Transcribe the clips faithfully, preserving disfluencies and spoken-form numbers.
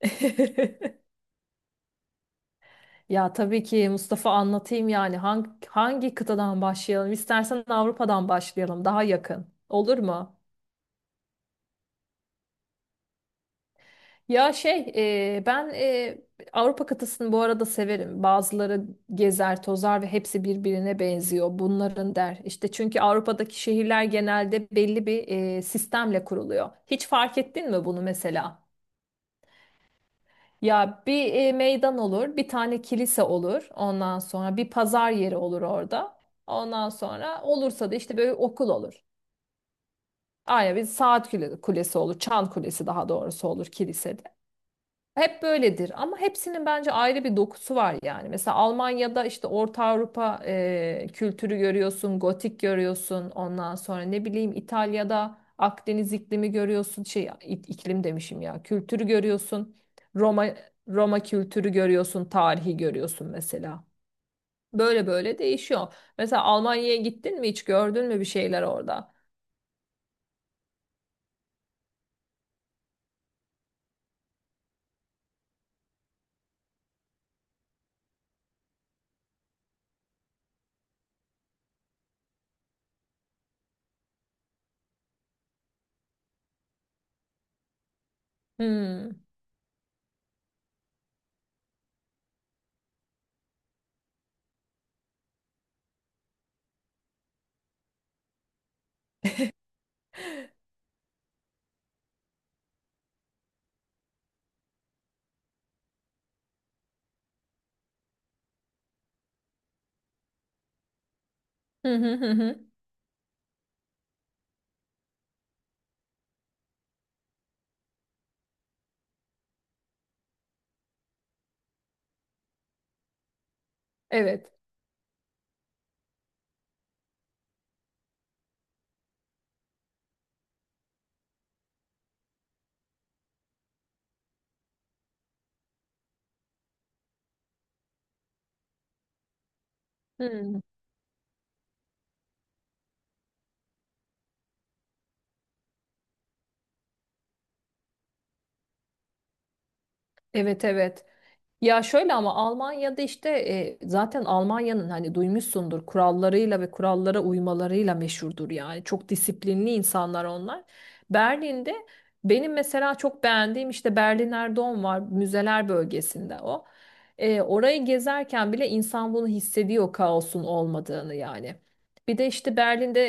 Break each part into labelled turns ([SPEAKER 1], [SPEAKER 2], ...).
[SPEAKER 1] Ya tabii ki Mustafa anlatayım yani hangi, hangi kıtadan başlayalım? İstersen Avrupa'dan başlayalım, daha yakın. Olur mu? Ya şey e, ben e, Avrupa kıtasını bu arada severim. Bazıları gezer tozar ve hepsi birbirine benziyor. Bunların der. İşte, çünkü Avrupa'daki şehirler genelde belli bir e, sistemle kuruluyor. Hiç fark ettin mi bunu mesela? Ya, bir e, meydan olur, bir tane kilise olur. Ondan sonra bir pazar yeri olur orada. Ondan sonra olursa da işte böyle okul olur. Aynen, bir saat kule- kulesi olur, çan kulesi daha doğrusu olur kilisede. Hep böyledir ama hepsinin bence ayrı bir dokusu var yani. Mesela Almanya'da işte Orta Avrupa e, kültürü görüyorsun, gotik görüyorsun. Ondan sonra ne bileyim İtalya'da Akdeniz iklimi görüyorsun. Şey i- iklim demişim ya. Kültürü görüyorsun. Roma Roma kültürü görüyorsun, tarihi görüyorsun mesela. Böyle böyle değişiyor. Mesela Almanya'ya gittin mi, hiç gördün mü bir şeyler orada? Hmm. Hı hı hı hı. Evet. Hı. Evet, evet. Ya şöyle, ama Almanya'da işte e, zaten Almanya'nın hani duymuşsundur, kurallarıyla ve kurallara uymalarıyla meşhurdur yani. Çok disiplinli insanlar onlar. Berlin'de benim mesela çok beğendiğim işte Berliner Dom var, müzeler bölgesinde o. E, orayı gezerken bile insan bunu hissediyor, kaosun olmadığını yani. Bir de işte Berlin'de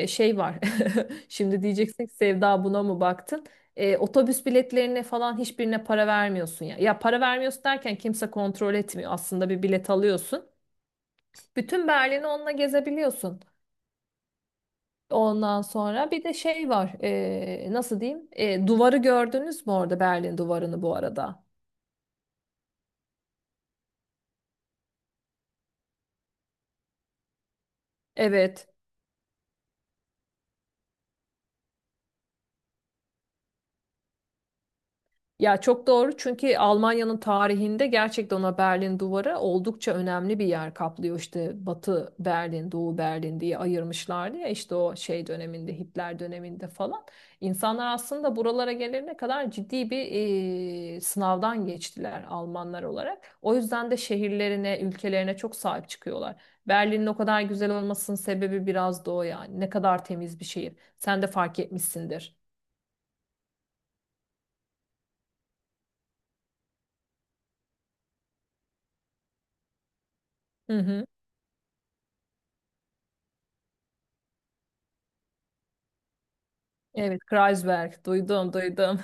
[SPEAKER 1] e, şey var. Şimdi diyeceksin ki Sevda, buna mı baktın? E, otobüs biletlerine falan hiçbirine para vermiyorsun ya. Ya para vermiyorsun derken, kimse kontrol etmiyor. Aslında bir bilet alıyorsun. Bütün Berlin'i onunla gezebiliyorsun. Ondan sonra bir de şey var. E, nasıl diyeyim? E, duvarı gördünüz mü orada, Berlin duvarını bu arada? Evet. Ya çok doğru, çünkü Almanya'nın tarihinde gerçekten ona Berlin Duvarı oldukça önemli bir yer kaplıyor. İşte Batı Berlin, Doğu Berlin diye ayırmışlardı ya, işte o şey döneminde, Hitler döneminde falan. İnsanlar aslında buralara gelene kadar ciddi bir eee, sınavdan geçtiler Almanlar olarak. O yüzden de şehirlerine, ülkelerine çok sahip çıkıyorlar. Berlin'in o kadar güzel olmasının sebebi biraz da o yani. Ne kadar temiz bir şehir. Sen de fark etmişsindir. Hı hı. Evet, Kreuzberg. Duydum, duydum.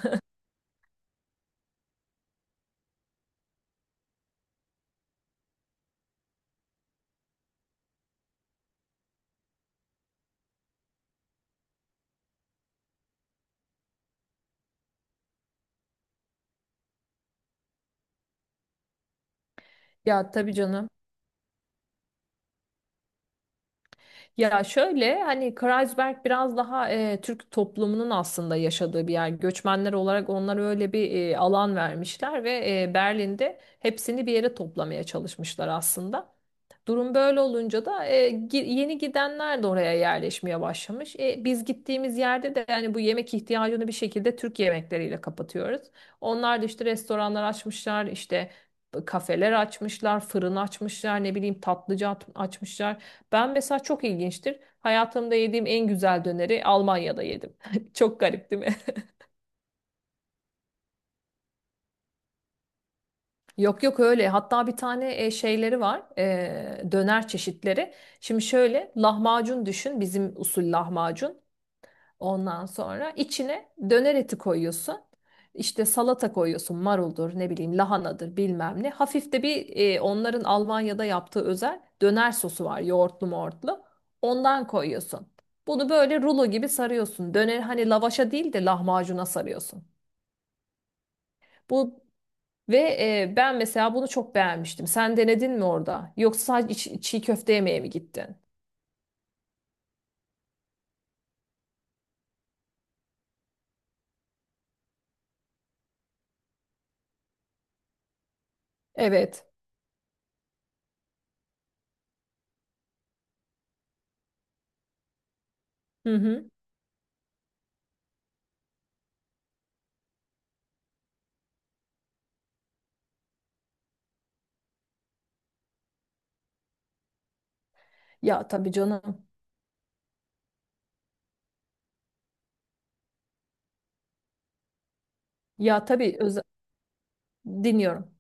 [SPEAKER 1] Ya tabii canım. Ya şöyle, hani Kreuzberg biraz daha e, Türk toplumunun aslında yaşadığı bir yer. Göçmenler olarak onlara öyle bir e, alan vermişler ve e, Berlin'de hepsini bir yere toplamaya çalışmışlar aslında. Durum böyle olunca da e, gi- yeni gidenler de oraya yerleşmeye başlamış. E, biz gittiğimiz yerde de yani bu yemek ihtiyacını bir şekilde Türk yemekleriyle kapatıyoruz. Onlar da işte restoranlar açmışlar, işte kafeler açmışlar, fırın açmışlar, ne bileyim tatlıcı at- açmışlar. Ben mesela, çok ilginçtir, hayatımda yediğim en güzel döneri Almanya'da yedim. Çok garip değil mi? Yok yok, öyle. Hatta bir tane e, şeyleri var. E, döner çeşitleri. Şimdi şöyle, lahmacun düşün. Bizim usul lahmacun. Ondan sonra içine döner eti koyuyorsun. İşte salata koyuyorsun. Maruldur, ne bileyim lahanadır, bilmem ne. Hafif de bir e, onların Almanya'da yaptığı özel döner sosu var, yoğurtlu mortlu. Ondan koyuyorsun. Bunu böyle rulo gibi sarıyorsun. Döner, hani lavaşa değil de lahmacuna sarıyorsun. Bu ve e, Ben mesela bunu çok beğenmiştim. Sen denedin mi orada? Yoksa sadece çi- çiğ köfte yemeye mi gittin? Evet. Hı hı. Ya tabii canım. Ya tabii, öz dinliyorum.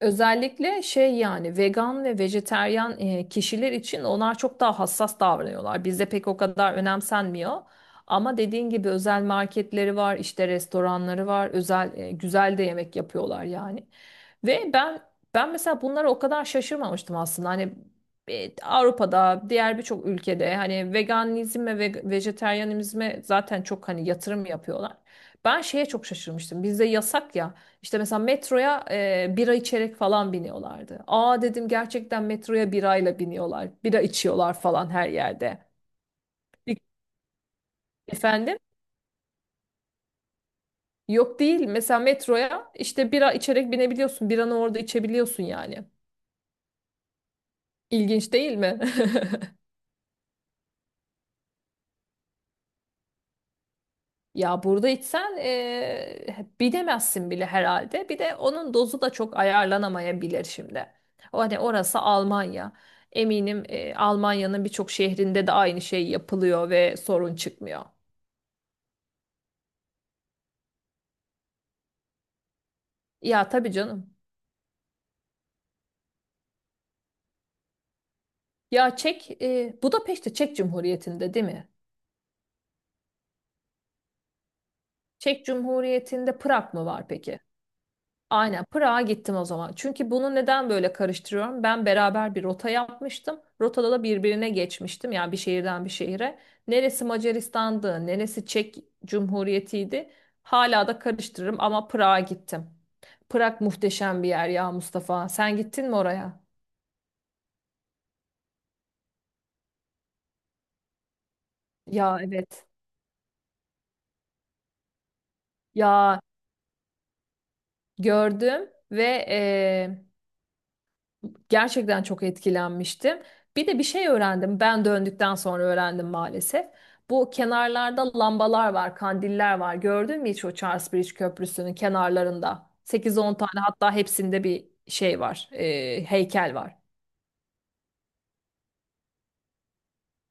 [SPEAKER 1] Özellikle şey yani vegan ve vejeteryan e, kişiler için onlar çok daha hassas davranıyorlar. Bizde pek o kadar önemsenmiyor. Ama dediğin gibi özel marketleri var, işte restoranları var, özel e, güzel de yemek yapıyorlar yani. Ve ben ben mesela bunlara o kadar şaşırmamıştım aslında. Hani e, Avrupa'da, diğer birçok ülkede hani veganizme ve vejeteryanizme zaten çok hani yatırım yapıyorlar. Ben şeye çok şaşırmıştım. Bizde yasak ya. İşte mesela metroya e, bira içerek falan biniyorlardı. Aa, dedim, gerçekten metroya birayla biniyorlar. Bira içiyorlar falan her yerde. Bir- Efendim? Yok, değil. Mesela metroya işte bira içerek binebiliyorsun. Biranı orada içebiliyorsun yani. İlginç değil mi? Ya burada içsen e, bilemezsin bile herhalde. Bir de onun dozu da çok ayarlanamayabilir şimdi. O hani, orası Almanya. Eminim e, Almanya'nın birçok şehrinde de aynı şey yapılıyor ve sorun çıkmıyor. Ya tabii canım. Ya Çek, e, Budapeşte Çek Cumhuriyeti'nde değil mi? Çek Cumhuriyeti'nde Prag mı var peki? Aynen, Prag'a gittim o zaman. Çünkü bunu neden böyle karıştırıyorum? Ben beraber bir rota yapmıştım. Rotada da birbirine geçmiştim. Yani bir şehirden bir şehire. Neresi Macaristan'dı, neresi Çek Cumhuriyeti'ydi. Hala da karıştırırım, ama Prag'a gittim. Prag muhteşem bir yer ya Mustafa. Sen gittin mi oraya? Ya evet. Ya gördüm ve e, gerçekten çok etkilenmiştim. Bir de bir şey öğrendim. Ben döndükten sonra öğrendim maalesef. Bu kenarlarda lambalar var, kandiller var. Gördün mü hiç o Charles Bridge Köprüsü'nün kenarlarında? Sekiz on tane, hatta hepsinde bir şey var, e, heykel var.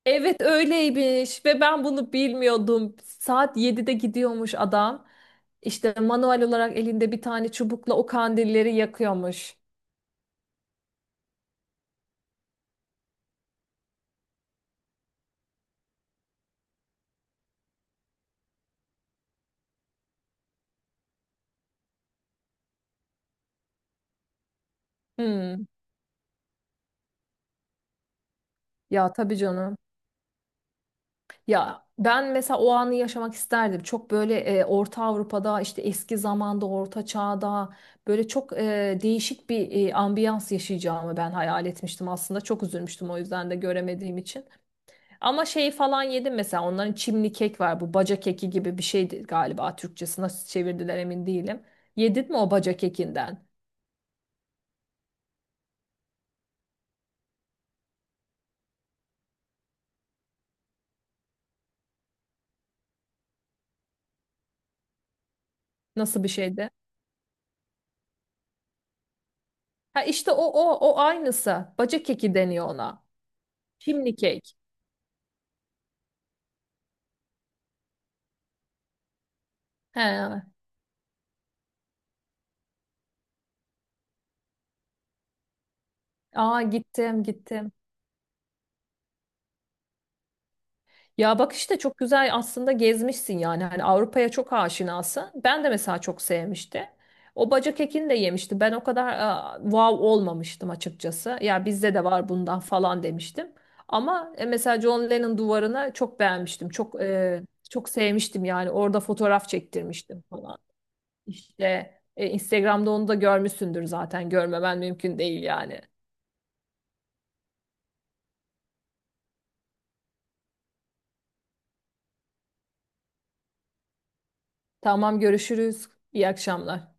[SPEAKER 1] Evet, öyleymiş ve ben bunu bilmiyordum. Saat yedide gidiyormuş adam. İşte manuel olarak elinde bir tane çubukla o kandilleri yakıyormuş. Hmm. Ya tabii canım. Ya ben mesela o anı yaşamak isterdim. Çok böyle e, Orta Avrupa'da işte eski zamanda Orta Çağ'da böyle çok e, değişik bir e, ambiyans yaşayacağımı ben hayal etmiştim aslında. Çok üzülmüştüm o yüzden de, göremediğim için. Ama şeyi falan yedim mesela, onların çimli kek var, bu baca keki gibi bir şeydi galiba. Türkçesi nasıl çevirdiler emin değilim. Yedin mi o baca kekinden? Nasıl bir şeydi? Ha işte o o o aynısı. Baca keki deniyor ona. Çimli kek. He. Evet. Aa, gittim gittim. Ya bak işte, çok güzel aslında gezmişsin yani, hani Avrupa'ya çok aşinasın. Ben de mesela çok sevmişti. O bacak ekini de yemişti. Ben o kadar e, wow olmamıştım açıkçası. Ya bizde de var bundan falan demiştim. Ama e, mesela John Lennon duvarını çok beğenmiştim. Çok, e, çok sevmiştim yani. Orada fotoğraf çektirmiştim falan. İşte e, Instagram'da onu da görmüşsündür zaten. Görmemen mümkün değil yani. Tamam, görüşürüz. İyi akşamlar.